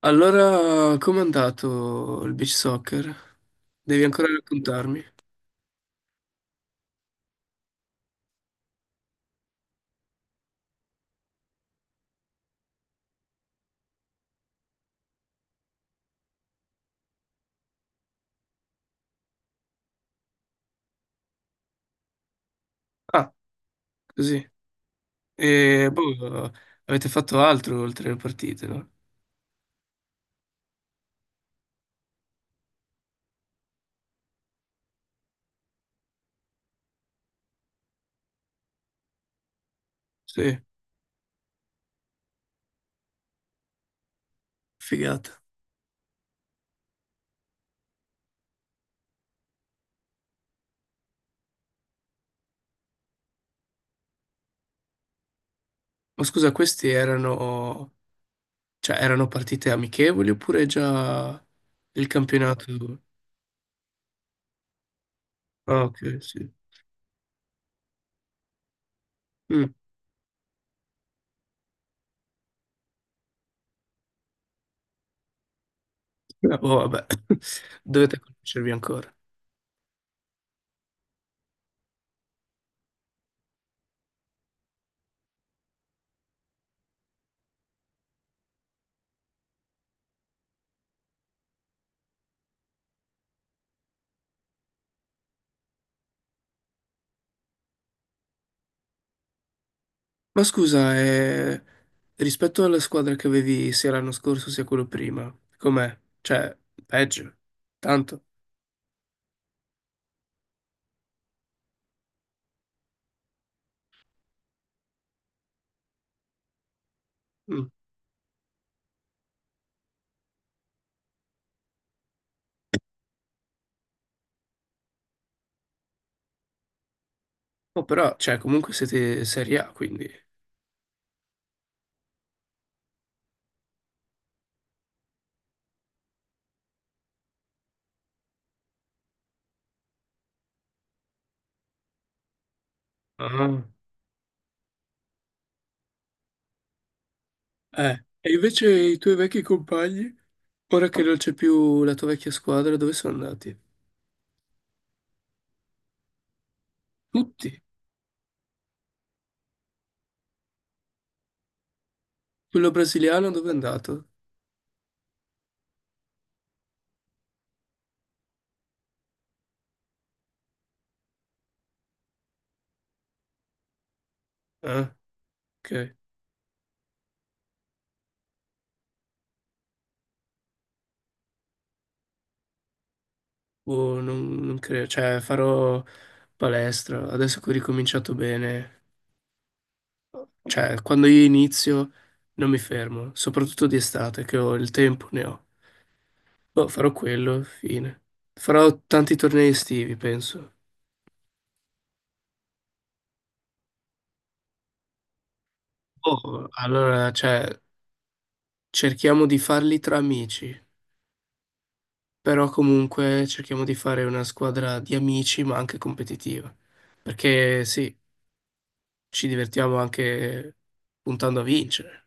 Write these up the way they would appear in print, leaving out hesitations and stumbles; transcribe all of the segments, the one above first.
Allora, com'è andato il beach soccer? Devi ancora raccontarmi. Ah, così. E boh, avete fatto altro oltre le partite, no? Sì, figata. Ma scusa, queste erano, cioè, erano partite amichevoli oppure già il campionato? Ah, ok, sì. Mm. Ah, boh, vabbè, dovete conoscervi ancora. Ma scusa, rispetto alla squadra che avevi sia l'anno scorso sia quello prima, com'è? Cioè, peggio? Tanto? Mm. Oh, però, cioè, comunque siete Serie A, quindi... Ah. E invece i tuoi vecchi compagni, ora che non c'è più la tua vecchia squadra, dove sono andati? Tutti? Quello brasiliano dove è andato? Ah, ok. Boh, non credo, cioè, farò palestra, adesso che ho ricominciato bene... Cioè, quando io inizio non mi fermo, soprattutto di estate, che ho il tempo, ne ho. Boh, farò quello, fine. Farò tanti tornei estivi, penso. Boh, allora, cioè, cerchiamo di farli tra amici, però comunque cerchiamo di fare una squadra di amici, ma anche competitiva. Perché sì, ci divertiamo anche puntando a vincere.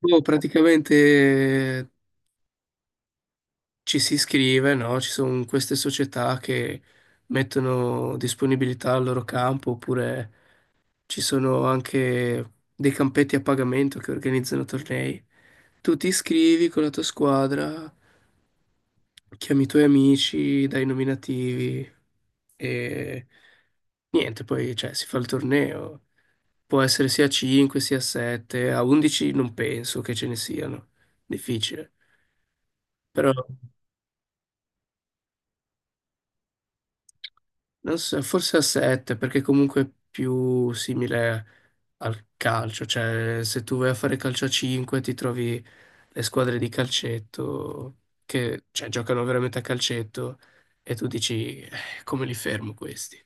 Boh, praticamente ci si iscrive, no? Ci sono queste società che mettono disponibilità al loro campo, oppure ci sono anche dei campetti a pagamento che organizzano tornei. Tu ti iscrivi con la tua squadra, chiami i tuoi amici, dai nominativi e niente, poi cioè, si fa il torneo. Può essere sia a 5, sia a 7, a 11 non penso che ce ne siano, difficile. Però. Non so, forse a 7, perché comunque è più simile al calcio, cioè se tu vai a fare calcio a 5 ti trovi le squadre di calcetto che cioè, giocano veramente a calcetto e tu dici come li fermo questi?"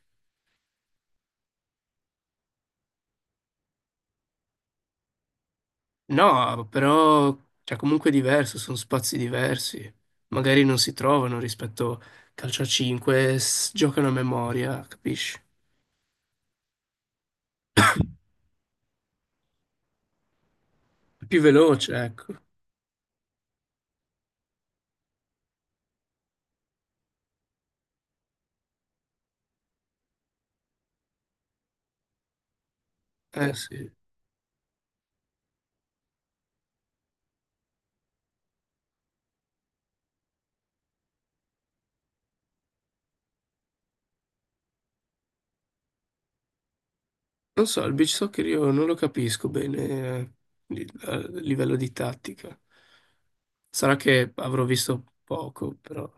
No, però cioè, comunque è diverso, sono spazi diversi, magari non si trovano rispetto calcio a 5, giocano a memoria, capisci? È più veloce, ecco. Eh sì. Non so, il beach soccer io non lo capisco bene a livello di tattica. Sarà che avrò visto poco, però.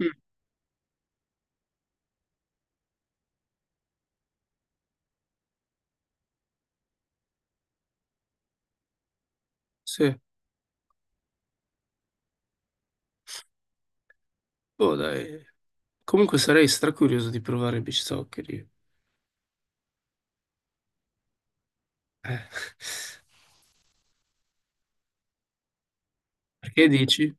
Mm. Sì, boh, dai. Comunque sarei stracurioso di provare beach soccer io. Eh, Perché dici?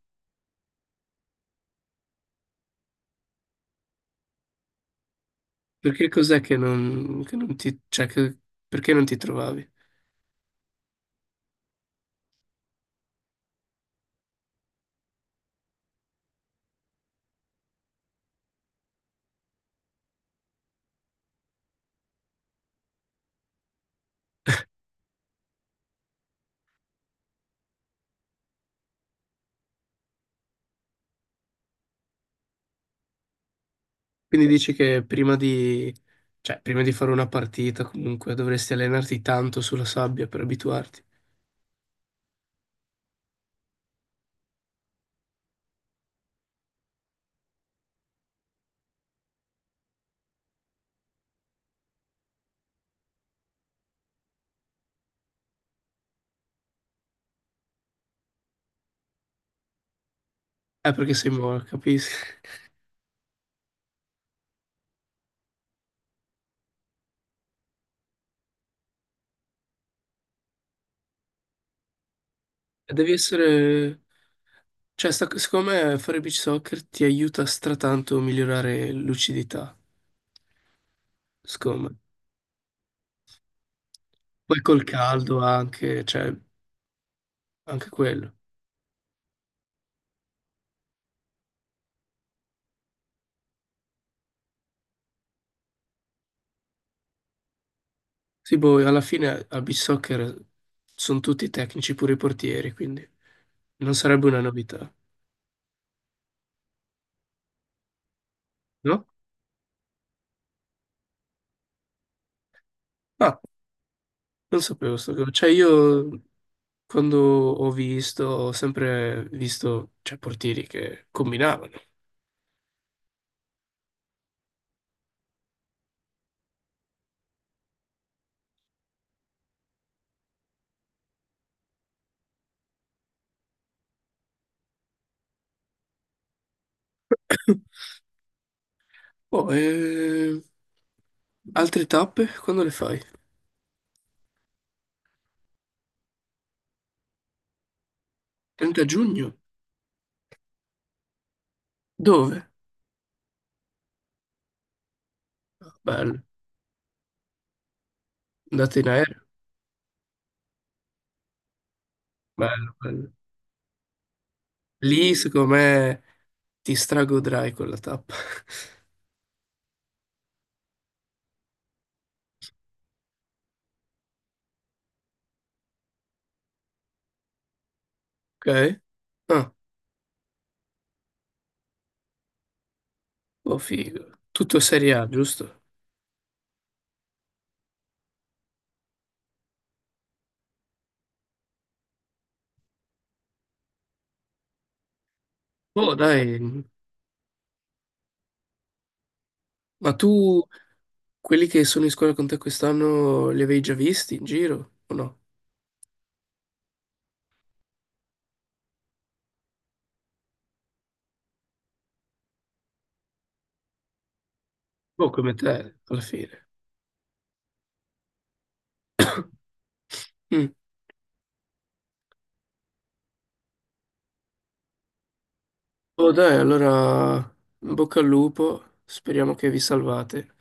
Perché cos'è che non ti, cioè, perché non ti trovavi? Quindi dici che prima di, cioè, prima di fare una partita comunque dovresti allenarti tanto sulla sabbia per abituarti. Perché sei morto, capisci? Devi essere, cioè, secondo me fare beach soccer ti aiuta stratanto a migliorare lucidità, secondo me. Poi col caldo anche, cioè, anche quello. Sì, boh, alla fine a beach soccer sono tutti tecnici, pure i portieri, quindi non sarebbe una novità, no? Ah, non sapevo sto cosa. Cioè, io quando ho visto, ho sempre visto, cioè, portieri che combinavano. Oh, e... Altre tappe, quando le fai? 30 giugno? Dove? Bello, andate in aereo? Bello, bello. Lì, secondo me, ti stragodrai quella tappa. Ok? Ah, oh, figo. Tutto Serie A, giusto? Oh, dai, ma tu quelli che sono in scuola con te quest'anno li avevi già visti in giro o no? Oh, come te, alla fine. Mm. Oh, dai, allora, in bocca al lupo, speriamo che vi salvate.